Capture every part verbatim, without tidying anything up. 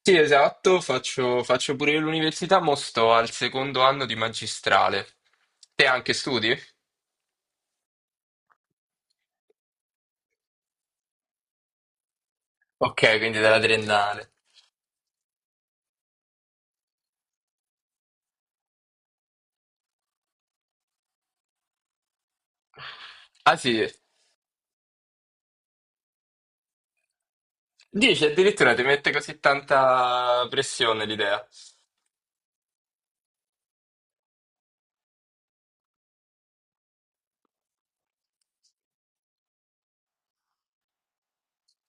Sì, esatto, faccio, faccio pure io l'università, mo sto al secondo anno di magistrale. Te anche studi? Ok, quindi della triennale. Ah sì, dici addirittura ti mette così tanta pressione l'idea.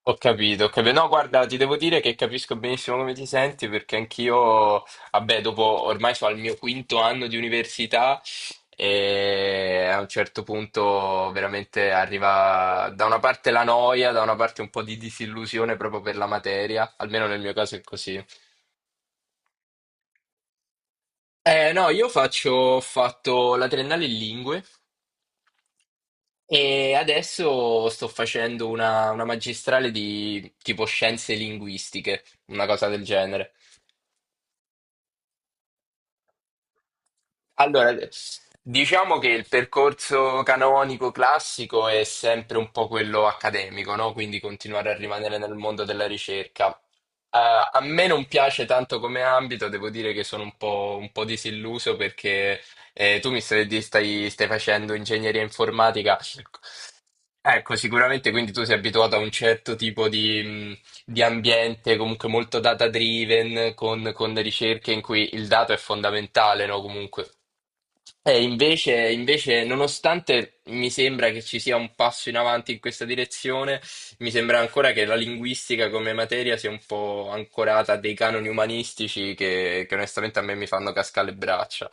Ho capito, ho capito. No, guarda, ti devo dire che capisco benissimo come ti senti perché anch'io, vabbè, dopo ormai sono al mio quinto anno di università e a un certo punto veramente arriva da una parte la noia, da una parte un po' di disillusione proprio per la materia, almeno nel mio caso è così. Eh, no, io faccio, ho fatto la triennale in lingue e adesso sto facendo una una magistrale di tipo scienze linguistiche, una cosa del genere. Allora, diciamo che il percorso canonico classico è sempre un po' quello accademico, no? Quindi continuare a rimanere nel mondo della ricerca. Eh, a me non piace tanto come ambito, devo dire che sono un po', un po' disilluso perché eh, tu mi stai, di- stai stai facendo ingegneria informatica. Ecco, sicuramente quindi tu sei abituato a un certo tipo di, mh, di ambiente comunque molto data driven, con, con ricerche in cui il dato è fondamentale, no? Comunque. Eh, invece, invece, nonostante mi sembra che ci sia un passo in avanti in questa direzione, mi sembra ancora che la linguistica come materia sia un po' ancorata a dei canoni umanistici che, che onestamente a me mi fanno cascare le braccia.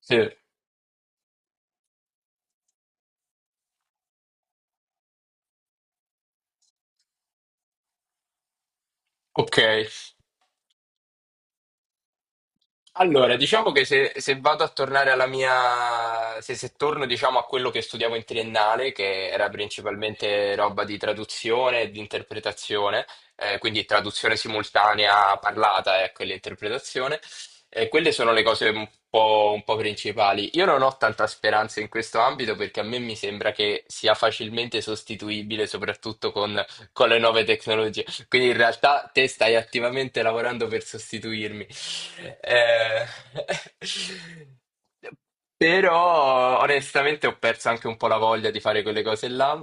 Sì, ok. Allora, diciamo che se, se vado a tornare alla mia, se, se torno diciamo a quello che studiavo in triennale, che era principalmente roba di traduzione e di interpretazione, eh, quindi traduzione simultanea parlata, ecco, e l'interpretazione, eh, quelle sono le cose un po', un po' principali. Io non ho tanta speranza in questo ambito perché a me mi sembra che sia facilmente sostituibile, soprattutto con con le nuove tecnologie. Quindi in realtà te stai attivamente lavorando per sostituirmi. Eh, Però onestamente ho perso anche un po' la voglia di fare quelle cose là.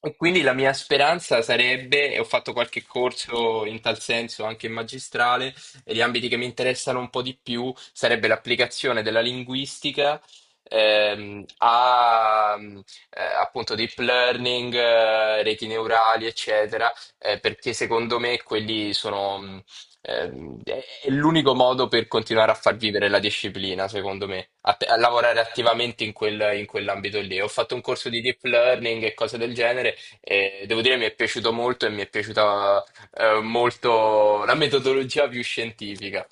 E quindi la mia speranza sarebbe, e ho fatto qualche corso in tal senso anche in magistrale, e gli ambiti che mi interessano un po' di più sarebbe l'applicazione della linguistica ehm, a eh, appunto deep learning, eh, reti neurali, eccetera, eh, perché secondo me quelli sono mh, Ehm, è è l'unico modo per continuare a far vivere la disciplina, secondo me, a, a lavorare attivamente in quel- in quell'ambito lì. Ho fatto un corso di deep learning e cose del genere e devo dire mi è piaciuto molto e mi è piaciuta eh, molto la metodologia più scientifica.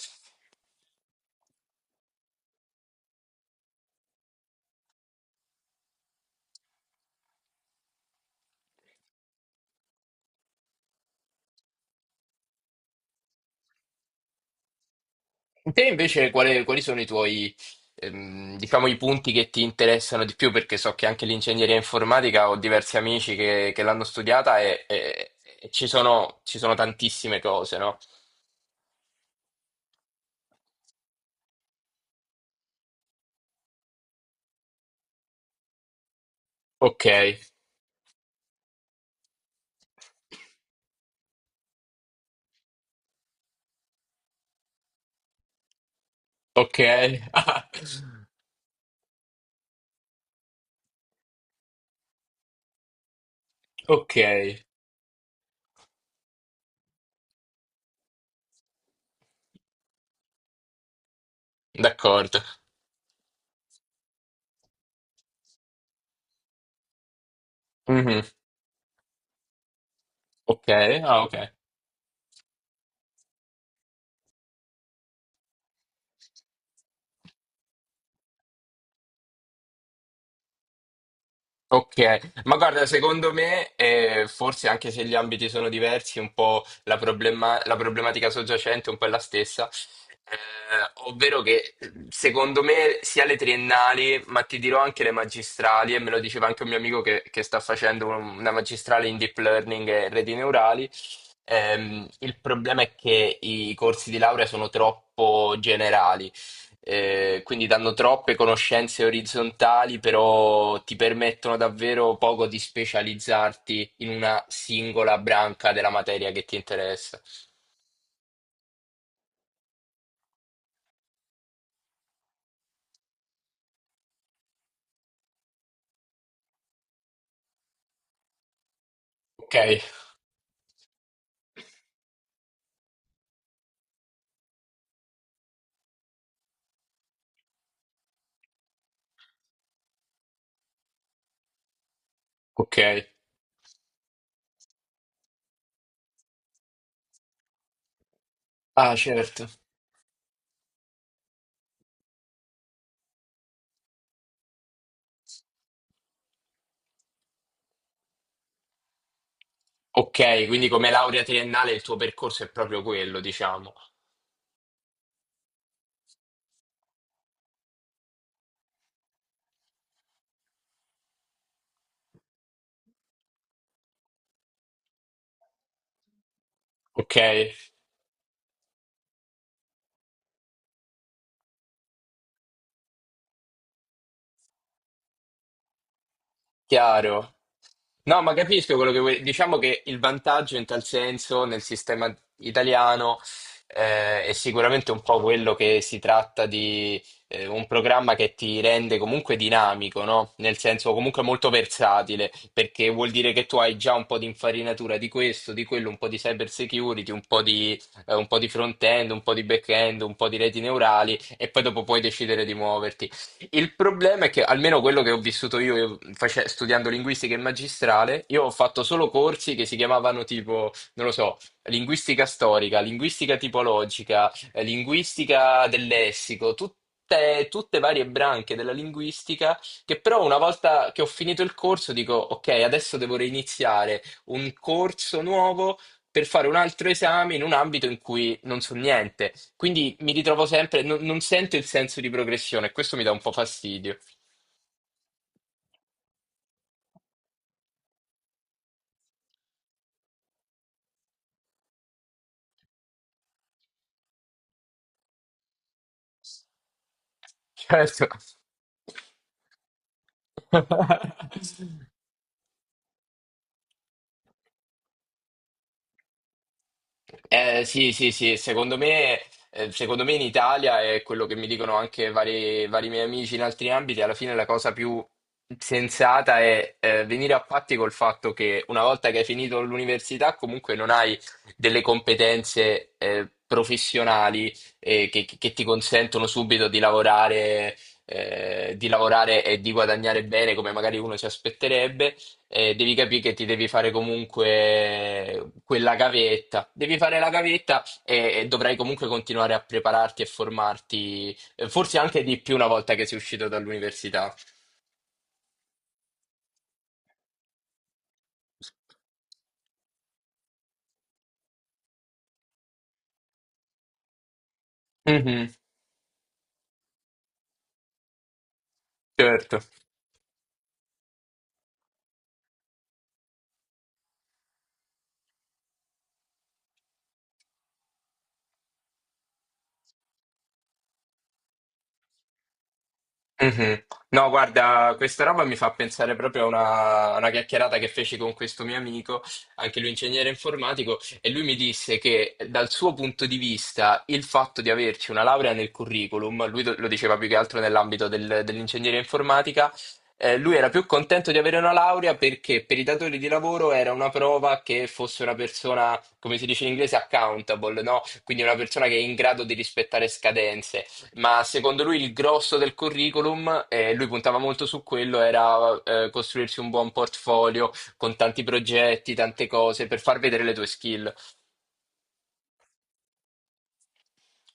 Te invece quale- quali sono i tuoi, ehm, diciamo, i punti che ti interessano di più? Perché so che anche l'ingegneria informatica ho diversi amici che, che l'hanno studiata e, e- e ci sono, ci sono tantissime cose, no? Okay, okay, ah, okay, d'accordo. Mh-mh, okay, ah okay. Ok, ma guarda, secondo me, eh, forse anche se gli ambiti sono diversi, un po' la, problema- la problematica soggiacente è un po' è la stessa. Eh, ovvero che secondo me sia le triennali, ma ti dirò anche le magistrali, e me lo diceva anche un mio amico che, che sta facendo un- una magistrale in deep learning e reti neurali, ehm, il problema è che i corsi di laurea sono troppo generali. Eh, quindi danno troppe conoscenze orizzontali, però ti permettono davvero poco di specializzarti in una singola branca della materia che ti interessa. Ok, ok. Ah, certo. Ok, quindi come laurea triennale il tuo percorso è proprio quello, diciamo. Ok. Chiaro. No, ma capisco quello che vuoi. Diciamo che il vantaggio in tal senso nel sistema italiano eh, è sicuramente un po' quello che si tratta di eh, un programma che ti rende comunque dinamico, no? Nel senso comunque molto versatile, perché vuol dire che tu hai già un po' di infarinatura di questo, di quello, un po' di cyber security, un po' di, eh, un po' di front-end, un po' di back-end, un po' di reti neurali e poi dopo puoi decidere di muoverti. Il problema è che, almeno quello che ho vissuto io, io face- studiando linguistica in magistrale, io ho fatto solo corsi che si chiamavano tipo, non lo so, linguistica storica, linguistica tipologica, eh, linguistica del lessico, tutte, tutte varie branche della linguistica, che però una volta che ho finito il corso dico, ok, adesso devo reiniziare un corso nuovo per fare un altro esame in un ambito in cui non so niente. Quindi mi ritrovo sempre, non, non sento il senso di progressione, questo mi dà un po' fastidio. Certo. Eh, sì, sì, sì, secondo me, eh, secondo me in Italia è quello che mi dicono anche vari, vari miei amici in altri ambiti, alla fine la cosa più sensata è eh, venire a patti col fatto che una volta che hai finito l'università comunque non hai delle competenze eh, professionali eh, che, che ti consentono subito di lavorare, eh, di lavorare e di guadagnare bene come magari uno si aspetterebbe eh, devi capire che ti devi fare comunque quella gavetta. Devi fare la gavetta e, e dovrai comunque continuare a prepararti e formarti, eh, forse anche di più una volta che sei uscito dall'università. Mhm, certo. Mhm. No, guarda, questa roba mi fa pensare proprio a una, a una chiacchierata che feci con questo mio amico, anche lui ingegnere informatico, e lui mi disse che dal suo punto di vista il fatto di averci una laurea nel curriculum, lui do- lo diceva più che altro nell'ambito del- dell'ingegneria informatica, eh, lui era più contento di avere una laurea perché per i datori di lavoro era una prova che fosse una persona, come si dice in inglese, accountable, no? Quindi una persona che è in grado di rispettare scadenze. Ma secondo lui il grosso del curriculum, e lui puntava molto su quello, era eh, costruirsi un buon portfolio con tanti progetti, tante cose per far vedere le tue skill.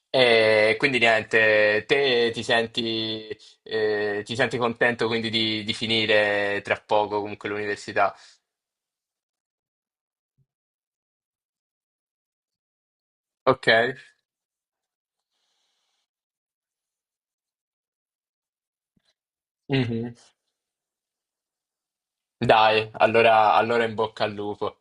E quindi niente, te ti senti, eh, ti senti contento quindi di, di finire tra poco comunque l'università? Ok. Mhm. Dai, allora allora in bocca al lupo.